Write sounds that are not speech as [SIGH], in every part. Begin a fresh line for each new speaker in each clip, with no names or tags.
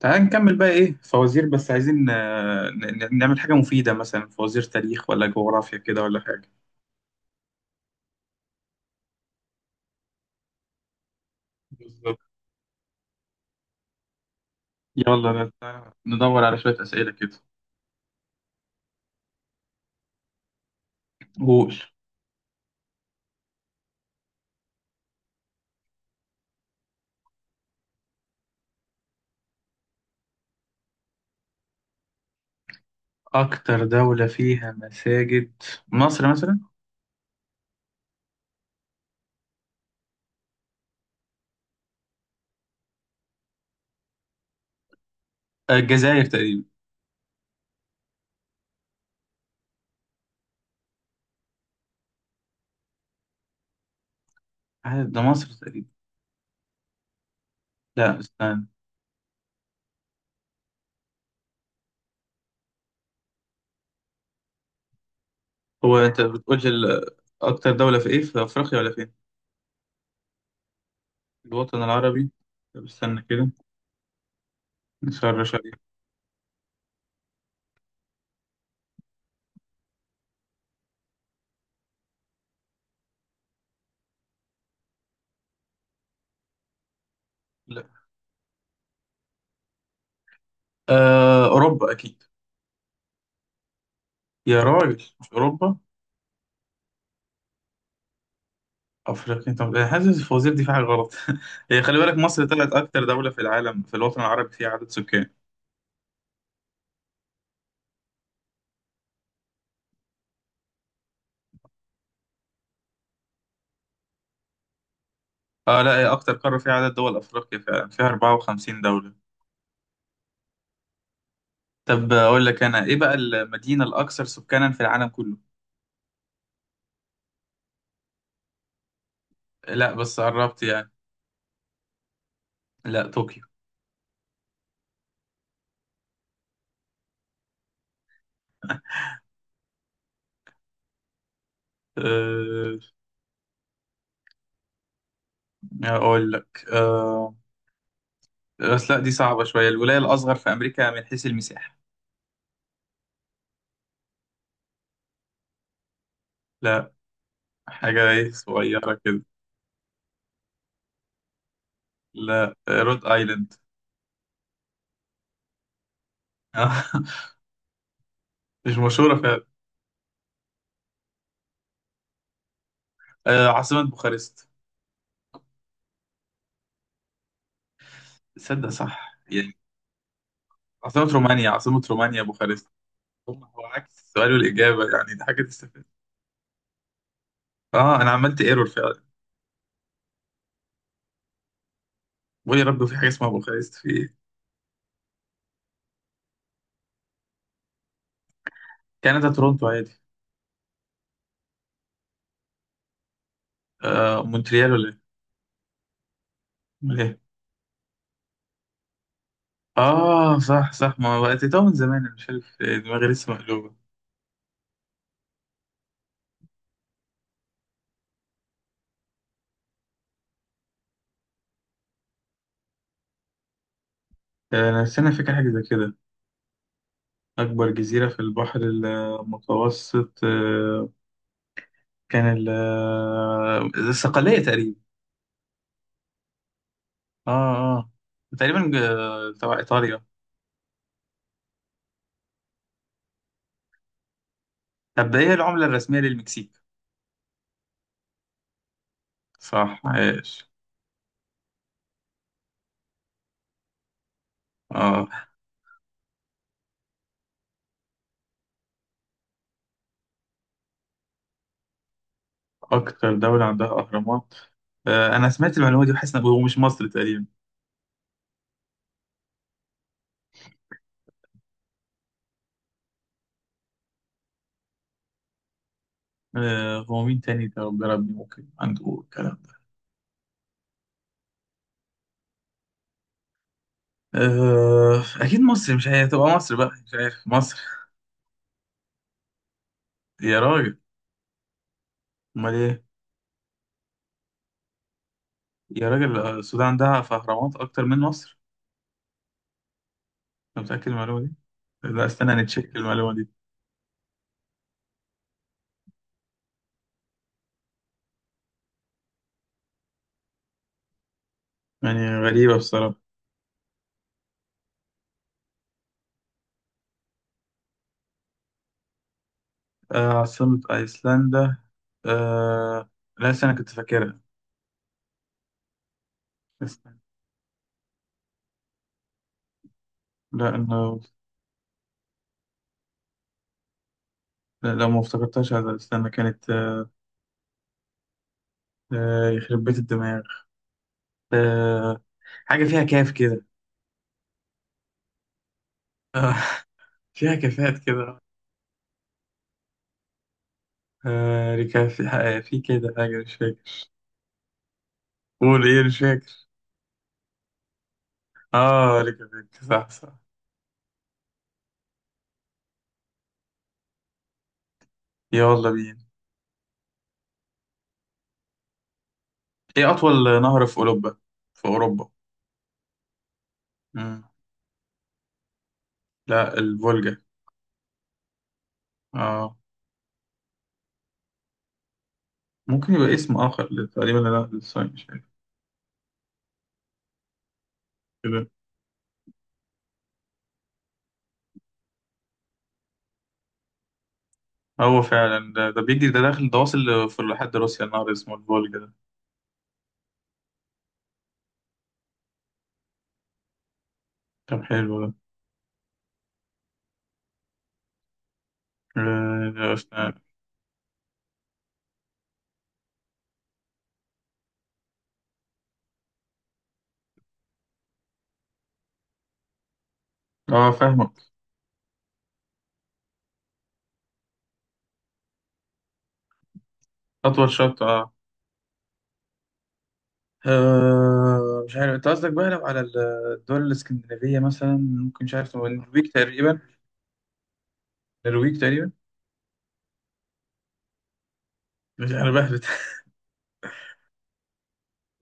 تعال نكمل بقى، ايه فوازير، بس عايزين نعمل حاجة مفيدة، مثلا فوازير تاريخ، ولا جغرافيا كده، ولا حاجة. بالظبط. يلا تعال ندور على شوية أسئلة كده. قول. أكتر دولة فيها مساجد؟ مصر مثلا. الجزائر تقريبا. ده مصر تقريبا. لا استنى. هو أنت بتقولش أكتر دولة في ايه، في أفريقيا ولا فين؟ الوطن العربي. طب استنى كده، نسرش عليه. لا أوروبا أكيد. يا راجل مش أوروبا. افريقيا. طب حاسس الفوازير دي في حاجه غلط. [LAUGHS] هي خلي بالك، مصر طلعت اكتر دوله في العالم في الوطن العربي فيها عدد سكان. اه لا، هي اكتر قاره فيها عدد دول افريقيا، فعلا فيها 54 دوله. طب اقول لك انا، ايه بقى المدينه الاكثر سكانا في العالم كله؟ لا بس قربت يعني. لا، طوكيو. أه. اقول لك أه، بس لا دي صعبه شويه، الولايه الاصغر في امريكا من حيث المساحه. لا، حاجه ايه صغيره كده. لا، رود ايلاند. [LAUGHS] مش مشهوره فعلا. عاصمه بوخارست. تصدق صح يعني. عاصمة رومانيا، عاصمة رومانيا بوخارست. هو عكس السؤال والإجابة يعني، دي حاجة تستفاد. اه أنا عملت ايرور فعلا. بقول يا رب، في حاجة اسمها بوخارست في إيه؟ كندا تورونتو عادي. آه مونتريال ولا إيه؟ أمال إيه؟ اه صح صح، ما بقت من زمان أنا مش عارف، دماغي لسه مقلوبة. أنا استنى فاكر حاجة زي كده. أكبر جزيرة في البحر المتوسط آه، كان الصقلية تقريبا. اه اه، تقريبا تبع إيطاليا. طب ايه العملة الرسمية للمكسيك؟ صح عايش. اه اكتر دولة عندها اهرامات؟ آه انا سمعت المعلومة دي، وحاسس ان هو مش مصر تقريبا. آه هو مين تاني ده، ربنا ربي ممكن عنده الكلام ده. آه اكيد مصر، مش هي تبقى مصر بقى، مش عارف مصر. يا راجل امال ايه؟ يا راجل، السودان عندها في اهرامات اكتر من مصر؟ أنت متأكد من المعلومة دي؟ لا استنى، نتشيك المعلومة دي. يعني غريبة بصراحة. آه عاصمة ايسلندا. آه لا استنى، كنت فاكرها. لا أنا. لا لا، ما افتكرتهاش، هذا استنى كانت يخرب بيت الدماغ. آه، حاجة فيها كاف كده. آه، [LAUGHS] فيها كافات كده. ركاف، في كده حاجة مش فاكر. قول إيه، مش فاكر. آه ركافات، صح صح. يلا بينا. إيه أطول نهر في أوروبا؟ في أوروبا. مم. لا، الفولجا آه. ممكن يبقى اسم آخر تقريبا، لا للصين مش فاكر كده. هو فعلا ده بيجري، ده داخل ده، واصل في لحد روسيا، النهر اسمه الفولجا ده. طب حلو ده. أسنان. اه فاهمك. أطول شط اه. مش عارف انت قصدك بقى، لو على الدول الاسكندنافية مثلا ممكن، مش عارف، هو النرويج تقريبا. النرويج تقريبا. مش انا بهبت. [LAUGHS]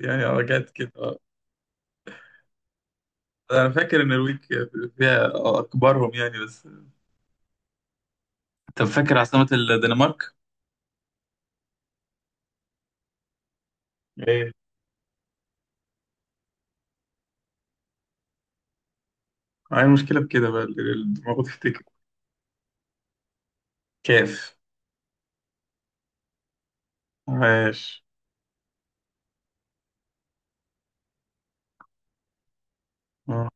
يعني اه جت كده اه. انا فاكر إن النرويج فيها اكبرهم يعني بس. طب فاكر عاصمة الدنمارك؟ ايه. هاي المشكلة بكده بقى، المفروض تفتكر. كاف. عاش. آه.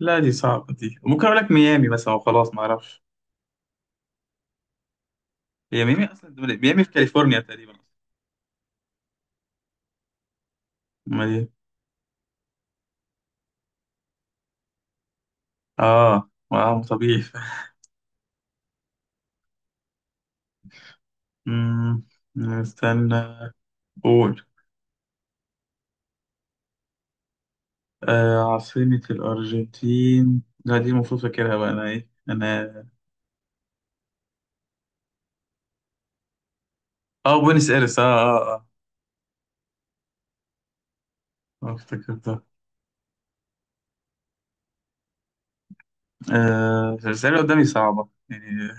لا دي صعبة، دي ممكن اقول لك ميامي مثلا وخلاص ما اعرفش. هي ميامي، اصلا ميامي في كاليفورنيا تقريبا. ما دي. اه طبيعي. أمم، استنى. قول. عاصمة الأرجنتين، لا دي المفروض فاكرها بقى أنا، إيه أنا؟ آه بوينس إيرس. افتكرتها. آه الأسئلة قدامي صعبة يعني.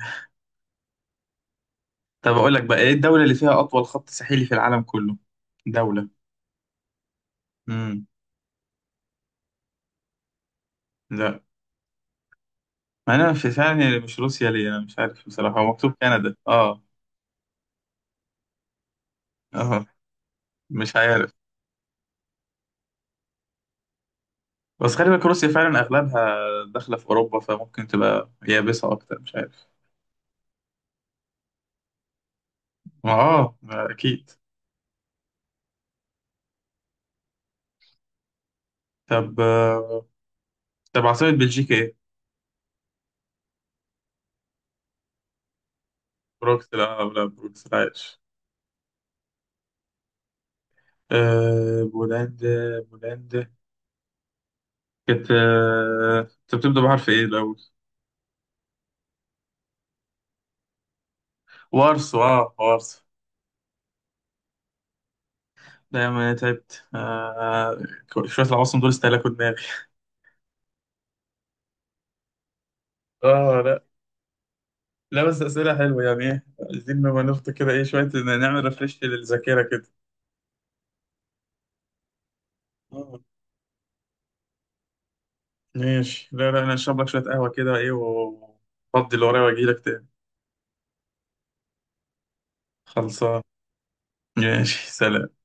طب أقول لك بقى، إيه الدولة اللي فيها أطول خط ساحلي في العالم كله؟ دولة. امم لا، ما أنا في فعلا يعني مش روسيا، ليه أنا مش عارف بصراحة، هو مكتوب كندا آه. آه مش عارف. بس خلي بالك روسيا فعلا اغلبها داخله في اوروبا، فممكن تبقى يابسه اكتر، مش عارف. ما اكيد. طب آه، طب عاصمه بلجيكا ايه؟ بروكسل اه، لا بروكسل عايش. آه بولندا، بولندا كانت انت بتبدا بحرف ايه الاول؟ وارسو اه وارسو. دايما تعبت آه، شويه العواصم دول استهلكوا دماغي. اه لا، لا بس اسئله حلوه يعني، ايه عايزين نبقى نفط كده ايه شويه نعمل ريفرش للذاكره كده. آه. ماشي، لا لا، انا اشرب لك شويه قهوه كده ايه، وافضي اللي ورايا واجي لك تاني. خلصان. ماشي. سلام.